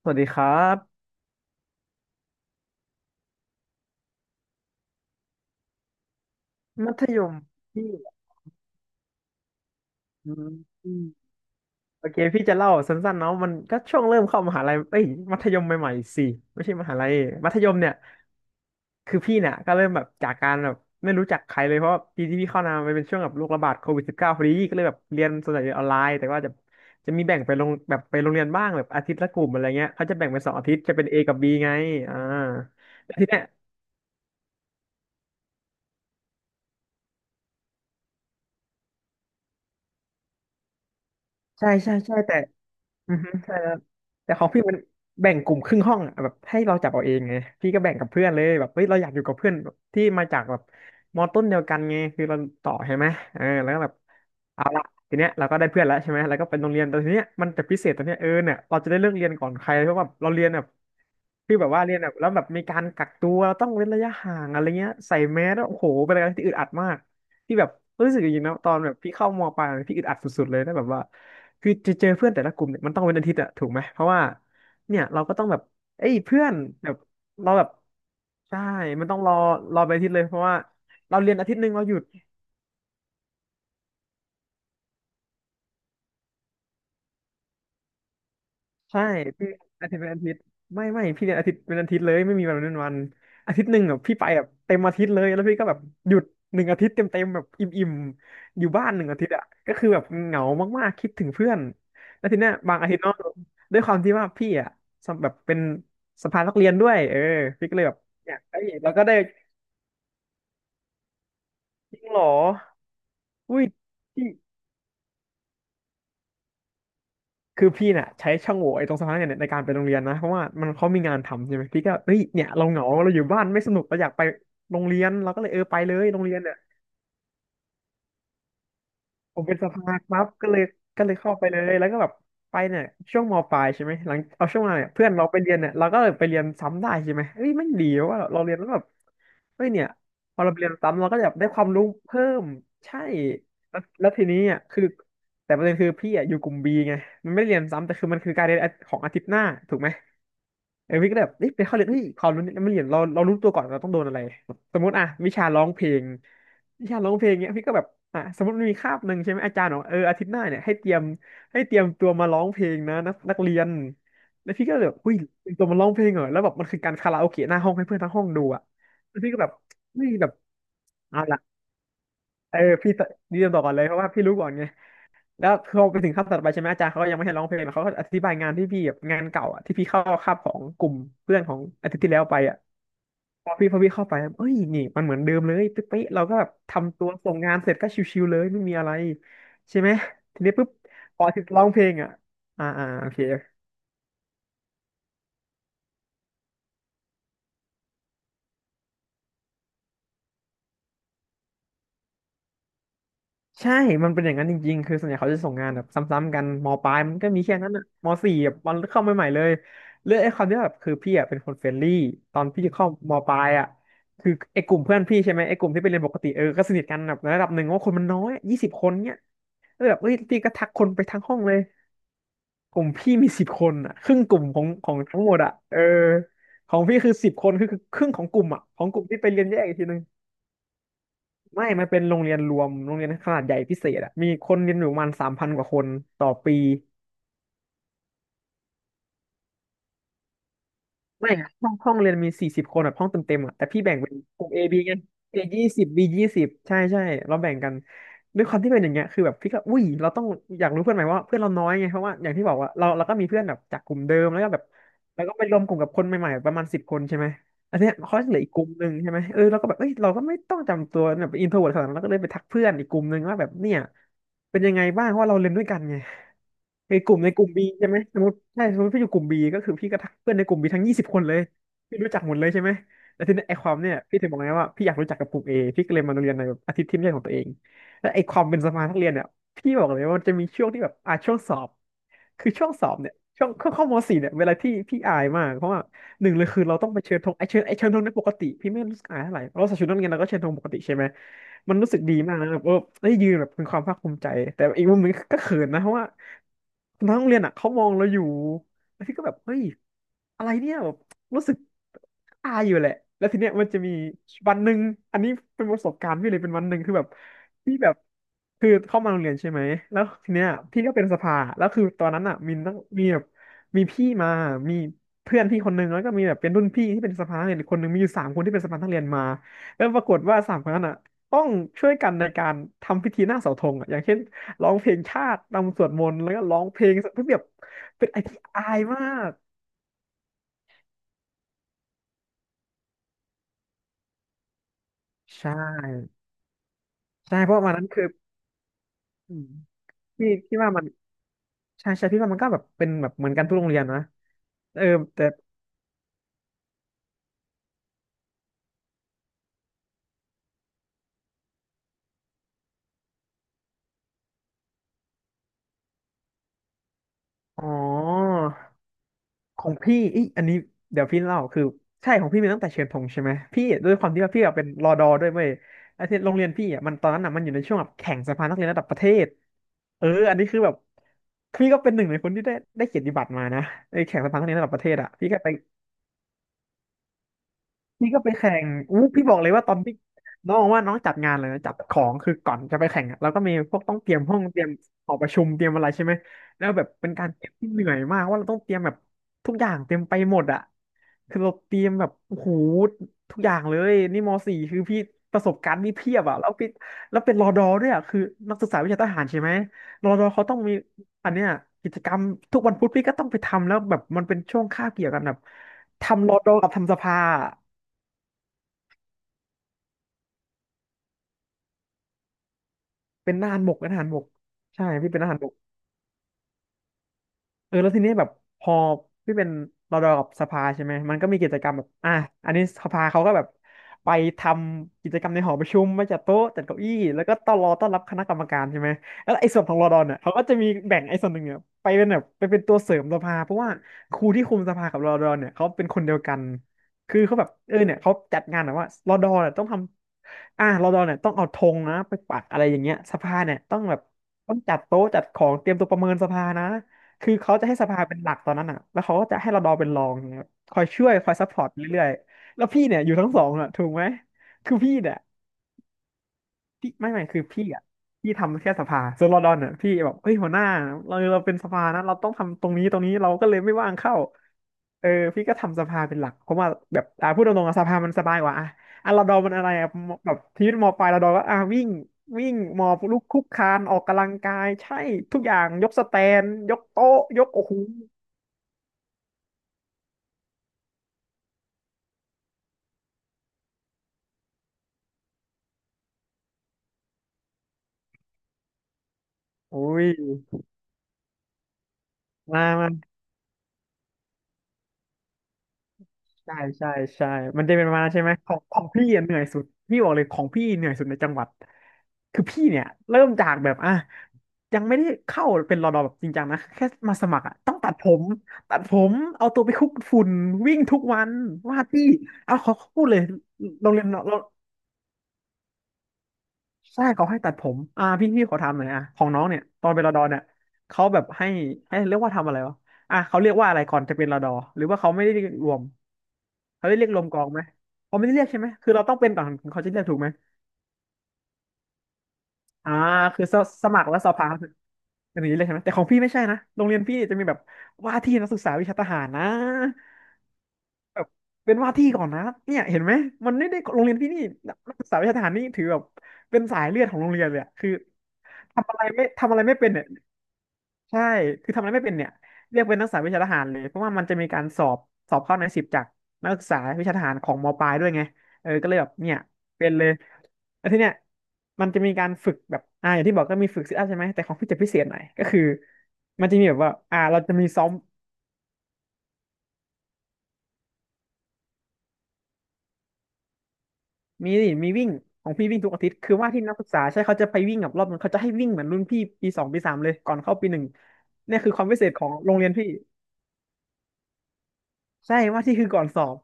สวัสดีครับมัธยมพี่อืมอืมโอเคพี่จะเล่าสั้นๆเนาะมันก็ช่วงเริ่มเข้ามหาลัยเอ้ยมัธยมใหม่ๆสิไม่ใช่มหาลัยมัธยมเนี่ยคือพี่เนี่ยก็เริ่มแบบจากการแบบไม่รู้จักใครเลยเพราะว่าปีที่พี่เข้ามามันเป็นช่วงแบบโรคระบาดCOVID-19พอดีก็เลยแบบเรียนส่วนใหญ่เรียนออนไลน์แต่ว่าจะมีแบ่งไปลงแบบไปโรงเรียนบ้างแบบอาทิตย์ละกลุ่มอะไรเงี้ยเขาจะแบ่งเป็น2 อาทิตย์จะเป็น A กับ B ไงอ่าแต่ทีเนี้ยใช่ใช่ใช่แต่ อือฮึใช่ครับแต่ของพี่มันแบ่งกลุ่มครึ่งห้องอะแบบให้เราจับเอาเองไงพี่ก็แบ่งกับเพื่อนเลยแบบเฮ้ยเราอยากอยู่กับเพื่อนที่มาจากแบบมอต้นเดียวกันไงคือเราต่อใช่ไหมเออแล้วก็แบบเอาละทีเนี้ยเราก็ได้เพื่อนแล้วใช่ไหมแล้วก็เป็นโรงเรียนแต่ทีเนี้ยมันจะพิเศษตรงเนี้ยเออเนี่ยเราจะได้เลือกเรียนก่อนใครเพราะว่าเราเรียนแบบคือแบบว่าเรียนแบบแล้วแบบมีการกักตัวเราต้องเว้นระยะห่างอะไรเงี้ยใส่แมสแล้วโอ้โหเป็นอะไรที่อึดอัดมาก พี่แบบรู้สึกอย่างนี้นะตอนแบบพี่เข้ามปลายเนี่ยพี่อึดอัดสุดๆเลยนะแบบว่าคือจะเจอเพื่อนแต่ละกลุ่มเนี่ยมันต้องเป็นอาทิตย์อะถูกไหมเพราะว่าเนี่ยเราก็ต้องแบบเอ้ยเพื่อนแบบเราแบบใช่มันต้องรอรอไปอาทิตย์เลยเพราะว่าเราเรียนอาทิตย์หนึ่งเราหยุด ใช่พี่อาทิตย์เป็นอาทิตย์ไม่ไม่พี่เรียนอาทิตย์เป็นอาทิตย์เลยไม่มีวันเป็นวันอาทิตย์หนึ่งแบบพี่ไปแบบเต็มอาทิตย์เลยแล้วพี่ก็แบบหยุดหนึ่งอาทิตย์เต็มเต็มแบบอิ่มอิ่มอยู่บ้านหนึ่งอาทิตย์อ่ะก็คือแบบเหงามากๆคิดถึงเพื่อนแล้วทีเนี้ยบางอาทิตย์เนอะด้วยความที่ว่าพี่อ่ะสำแบบเป็นสภานักเรียนด้วยเออพี่ก็เลยแบบเนี่ยเอ้ยเราก็ได้จริงเหรออุ้ย คือพี่เน่ยใช้ช่องโหว่ไอ้ตรงสะพานเนี่ยในการไปโรงเรียนนะเพราะว่ามันเขามีงานทำใช่ไหมพี่ก็เฮ้ยเนี่ยเราเหงาเราอยู่บ้านไม่สนุกเราอยากไปโรงเรียนเราก็เลยเออไปเลยโรงเรียนเนี่ยผมเป็นสะพานปั๊บก็เลยก็เลยเข้าไปเลยแล้วก็แบบไปเนี่ยช่วงมปลายใช่ไหมหลังเอาช่วงมาเนี่ยเพื่อนเราไปเรียนเนี่ยเราก็เลยไปเรียนซ้ำได้ใช่ไหมเฮ้ยมันดีว่าเราเรียนแล้วแบบเฮ้ยเนี่ยพอเราไปเรียนซ้ำเราก็จะแบบได้ความรู้เพิ่มใช่แล้วทีนี้อ่ะคือแต่ประเด็นคือพี่อ่ะอยู่กลุ่มบีไงมันไม่ได้เรียนซ้ำแต่คือมันคือการเรียนของอาทิตย์หน้าถูกไหม ไอ้วิกก็แบบเอ๊ะไปเข้าเรียนเฮ้ยความรู้เนี่ยมันเรียนเรารู้ตัวก่อนเราต้องโดนอะไรสมมติอ่ะวิชาร้องเพลงวิชาร้องเพลงเนี้ยพี่ก็แบบอ่ะสมมติมีคาบหนึ่งใช่ไหมอาจารย์บอกเอออาทิตย์หน้าเนี่ยให้เตรียมตัวมาร้องเพลงนะนักเรียนแล้วพี่ก็แบบอุ้ยเตรียมตัวมาร้องเพลงเหรอแล้วแบบมันคือการคาราโอเกะหน้าห้องให้เพื่อนทั้งห้องดูอ่ะแล้วพี่ก็แบบเฮ้ยแบบเอาละเออพี่เตรียมต่อก่อนเลยเพราะว่าพี่รู้ก่อนไง แล้วพอไปถึงคาบถัดไปใช่ไหมอาจารย์เขาก็ยังไม่ให้ร้องเพลงเขาก็อธิบายงานที่พี่แบบงานเก่าอ่ะที่พี่เข้าคาบของกลุ่มเพื่อนของอาทิตย์ที่แล้วไปอ่ะพอพี่เข้าไปเอ้ยนี่มันเหมือนเดิมเลยตึ๊บเป๊ะเราก็แบบทำตัวส่งงานเสร็จก็ชิวๆเลยไม่มีอะไรใช่ไหมทีนี้ปุ๊บพอถึงร้องเพลงอ่ะอ่าอ่าโอเค ใช่ มันเป็นอย่างนั้นจริงๆ คือส่วนใหญ่เขาจะส่งงานแบบซ้ำๆกันมปลายมันก็มีแค่นั้นอะมสี่แบบมันเข้าใหม่ๆเลยเรื่องไอ้ความที่แบบคือพี่อะเป็นคนเฟรนลี่ตอนพี่เข้ามปลายอะคือไอ้กลุ่มเพื่อนพี่ใช่ไหมไอ้กลุ่มที่ไปเรียนปกติเออก็สนิทกันแบบในระดับหนึ่งว่าคนมันน้อยยี่สิบคนเนี้ยก็แบบเอ้ยพี่ก็ทักคนไปทั้งห้องเลย กลุ่มพี่มี10 คนอะครึ่งกลุ่มของทั้งหมดอะเออของพี่คือสิบคนคือครึ่งของกลุ่มอะของกลุ่มที่ไปเรียนแยกอีกทีนึง ไม่มันเป็นโรงเรียนรวมโรงเรียนขนาดใหญ่พิเศษอะมีคนเรียนอยู่ประมาณ3,000กว่าคนต่อปีไม่อะห้องเรียนมี40 คนแบบห้องเต็มเต็มอะแต่พี่แบ่งเป็นกลุ่ม A B ไง A 20 B 20ใช่ใช่เราแบ่งกันด้วยความที่เป็นอย่างเงี้ยคือแบบพี่ก็อุ้ยเราต้องอยากรู้เพื่อนใหม่ว่าเพื่อนเราน้อยไงเพราะว่าอย่างที่บอกว่าเราก็มีเพื่อนแบบจากกลุ่มเดิมแล้วก็แบบแล้วก็ไปรวมกลุ่มกับคนใหม่ๆประมาณสิบคนใช่ไหม อันเนี้ยเขาจะเหลืออีกกลุ่มหนึ่งใช่ไหมเออเราก็แบบเอ้ยเราก็ไม่ต้องจำตัวแบบอินโทรเวิร์ตขนาดนั้นเราก็เลยไปทักเพื่อนอีกกลุ่มหนึ่งว่าแบบเนี่ยเป็นยังไงบ้างเพราะว่าเราเรียนด้วยกันไงไอ้กลุ่มในกลุ่มบีใช่ไหมสมมติใช่สมมติพี่อยู่กลุ่มบีก็คือพี่ก็ทักเพื่อนในกลุ่มบีทั้งยี่สิบคนเลยพี่รู้จักหมดเลยใช่ไหมแล้วทีนี้ไอ้ความเนี่ยพี่ถึงบอกไงว่าพี่อยากรู้จักกับกลุ่มเอพี่ก็เลยมาเรียนในแบบอาทิตย์ที่ไม่ใช่ของตัวเองแล้วไอ้ความเป็นสมาชิกนักเรียนเนี่ยพี่บอกเลยว่ามันจะมีช่วงที่แบบอ่ะช่วงสอบคือช่วงสอบเนี่ย ช่วงเข้ามสี่เนี่ยเวลาที่พี่อายมากเพราะว่าหนึ่งเลยคือเราต้องไปเชิญธงไอเชิญไอเชิญธงในยปกติพี่ไม่รู้สึกอายเท่าไหร่เราใส่ชุดนักเรียนเราก็เชิญธงปกติใช่ไหมมันรู้สึกดีมากนะแบบเออได้ยืนแบบเป็นความภาคภูมิใจแต่อีกมุมหนึงก็เขินนะเพราะว่าน้องโรงเรียนอ่ะเขามองเราอยู่แล้วพี่ก็แบบเฮ้ยอะไร รู้สึกอายอยู่แหละแล้วทีเนี้ยมันจะมีวันหนึ่งอันนี้เป็นประสบการณ์พี่เลยเป็นวันหนึ่งคือแบบพี่แบบคือเข้ามาโรงเรียนใช่ไหมแล้วทีเนี้ยพี่ก็เป็นสภาแล้วคือตอนนั้นอ่ะมีนักมีแบบมีพี่มามีเพื่อนพี่คนหนึ่งแล้วก็มีแบบเป็นรุ่นพี่ที่เป็นสภาอีกคนหนึ่งมีอยู่สามคนที่เป็นสภานักเรียนมา แล้วปรากฏว่า3 คนนั้นอ่ะต้องช่วยกันในการทำพิธีหน้าเสาธงอ่ะอย่างเช่นร้องเพลงชาติรำสวดมนต์แล้วก็ร้องเพลงเพื่อแบบเป็นไอที่อายมากใช่ ใช่เพราะวันนั้นคืออืมพี่ว่ามันใช่ใช่พี่ว่ามันก็แบบเป็นแบบเหมือนกันทุกโรงเรียนนะเออแต่อ๋อของพี่อีอันนี้เดี๋ยวพี่เล่าคือใช่ของพี่มีตั้งแต่เชิญธงใช่ไหมพี่ด้วยความที่ว่าพี่อะเป็นรอดอด้วยเว้ยไอ้ที่โรงเรียนพี่อ่ะมันตอนนั้นอ่ะมันอยู่ในช่วงแบบแข่งสภานักเรียนระดับประเทศเอออันนี้คือแบบพี่ก็เป็นหนึ่งในคนที่ได้ได้เกียรติบัตรมานะไอ้แข่งสภานักเรียนระดับประเทศอ่ะพี่ก็ไป พี่ก็ไปแข่งอู้พี่บอกเลยว่าตอนพี่น้องว่าน้องจัดงานเลยนะจัดของคือก่อนจะไปแข่งอะเราก็มีพวกต้องเตรียมห้องเตรียมหอประชุมเตรียมอะไรใช่ไหมแล้วแบบเป็นการเตรียมที่เหนื่อยมากว่าเราต้องเตรียมแบบทุกอย่างเตรียมไปหมดอะคือเราเตรียมแบบโอ้โหทุกอย่างเลยนี่มสี่คือพี่ประสบการณ์นี่เพียบอะแล้วพี่แล้วเป็นรอดอด้วยอะคือนักศึกษาวิชาทหารใช่ไหมรอดอเขาต้องมีอันเนี้ยกิจกรรมทุกวันพุธพี่ก็ต้องไปทำแล้วแบบมันเป็นช่วงคาบเกี่ยวกันแบบทำรอดอกับทำสภา เป็นทหารบกเป็นทหารบกใช่พี่เป็นทหารบก เออแล้วทีนี้แบบพอพี่เป็นรอดอกับสภาใช่ไหมมันก็มีกิจกรรมแบบอ่ะอันนี้สภาเขาก็แบบไปทำกิจกรรมในหอประชุมมาจัดโต๊ะจัดเก้าอี้แล้วก็ต้อนรับคณะกรรมการใช่ไหมแล้วไอ้ส่วนของรอดอเนี่ยเขาก็จะมีแบ่งไอ้ส่วนหนึ่งเนี่ยไปเป็นตัวเสริมสภาเพราะว่าครูที่คุมสภากับรอดอเนี่ยเขาเป็นคนเดียวกันคือเขาแบบเนี่ยเขาจัดงานแบบว่ารอดอเนี่ยต้องทำอ่ะรอดอเนี่ยต้องเอาธงนะไปปักอะไรอย่างเงี้ยสภาเนี่ยต้องแบบต้องจัดโต๊ะจัดของเตรียมตัวประเมินสภานะ คือเขาจะให้สภาเป็นหลักตอนนั้นอ่ะแล้วเขาก็จะให้เราดอเป็นรองอย่างเงี้ยคอยช่วยคอยซัพพอร์ตเรื่อยๆแล้วพี่เนี่ยอยู่ทั้งสองอ่ะถูกไหมคือพี่เนี่ยพี่ไม่คือพี่อ่ะพี่ทำแค่สภาส่วนรอดอนเนี่ยพี่แบบเฮ้ยหัวหน้าเราเป็นสภานะเราต้องทำตรงนี้เราก็เลยไม่ว่างเข้าเออพี่ก็ทำสภาเป็นหลักเพราะว่าแบบพูดตรงๆอะสภามันสบายกว่าอ่ะอ่ะรอดอนมันอะไรอ่ะมแบบชีวิตมอปลายรอดอนก็อ่ะวิ่งวิ่งหมอบลุกคลุกคลานออกกำลังกายใช่ทุกอย่างยกสแตนยกโต๊ะยกโอ้โห อุ้ยมามาใช่ใช่ใช่มันจะเป็นประมาณนั้นใช่ไหมของของพี่อะเหนื่อยสุดพี่บอกเลยของพี่เหนื่อยสุดในจังหวัดคือพี่เนี่ยเริ่มจากแบบอ่ะยังไม่ได้เข้าเป็นรอดอแบบจริงจังนะแค่มาสมัครอ่ะต้องตัดผมตัดผมเอาตัวไปคลุกฝุ่นวิ่งทุกวันว่าดที่เอาเขาเขาพูดเลยโรงเรียนเราเราใช่เขาให้ตัดผมพี่พี่ขอถามหน่อยอ่ะของน้องเนี่ยตอนเป็นรอดอเนี่ยเขาแบบให้ให้เรียกว่าทำอะไรวะอ่ะเขาเรียกว่าอะไรก่อนจะเป็นรดหรือว่าเขาไม่ได้รวม เขาได้เรียกรวมกองไหมเขาไม่ได้เรียกใช่ไหมคือเราต้องเป็นก่อนถึงเขาจะเรียกถูกไหมอ่าคือสสมัครแล้วสอบผ่านอันนี้เลยใช่ไหมแต่ของพี่ไม่ใช่นะโรงเรียนพี่จะมีแบบว่าที่นักศึกษาวิชาทหารนะแบบเป็นว่าที่ก่อนนะเนี่ยเห็นไหมมันไม่ได้โรงเรียนพี่นี่นักศึกษาวิชาทหารนี่ถือแบบเป็นสายเลือดของโรงเรียนเลยอะคือทำอะไรไม่เป็นเนี่ย ใช่คือทำอะไรไม่เป็นเนี่ยเรียกเป็นนักศึกษาวิชาทหารเลยเพราะว่ามันจะมีการสอบสอบเข้าในสิบจากนักศึกษาวิชาทหารของมปลายด้วยไงเออก็เลยแบบเนี่ยเป็นเลยแล้วทีเนี้ยมันจะมีการฝึกแบบอย่างที่บอกก็มีฝึกซิทอัพใช่ไหมแต่ของพี่จะพิเศษหน่อยก็คือมันจะมีแบบว่าเราจะมีซ้อมมีนี่มีวิ่งของพี่วิ่งทุกอาทิตย์คือว่าที่นักศึกษาใช่เขาจะไปวิ่งกับรอบนึงเขาจะให้วิ่งเหมือนรุ่นพี่ปีสองปีสามเลยก่อนเข้าปีหนึ่งเนี่ยคือความพิเศษของโรงเรียนพี่ใช่ว่าที่คือก่อนสอบ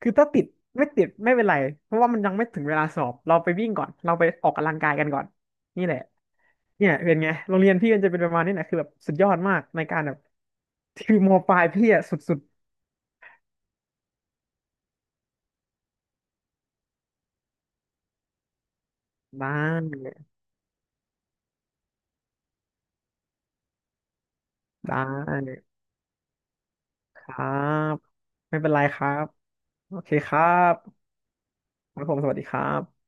คือถ้าติดไม่ติดไม่เป็นไรเพราะว่ามันยังไม่ถึงเวลาสอบเราไปวิ่งก่อนเราไปออกกำลังกายกันก่อนนี่แหละเนี่ยเป็นไงโรงเรียนพี่มันจะเป็นประมาณนี้แหละคือแบบสุดยอดมากในการแบบคือมปลายพี่อะสุดๆได้ได้ครับไม่เป็นไรครับโอเคครับครับผมสวัสดีครับ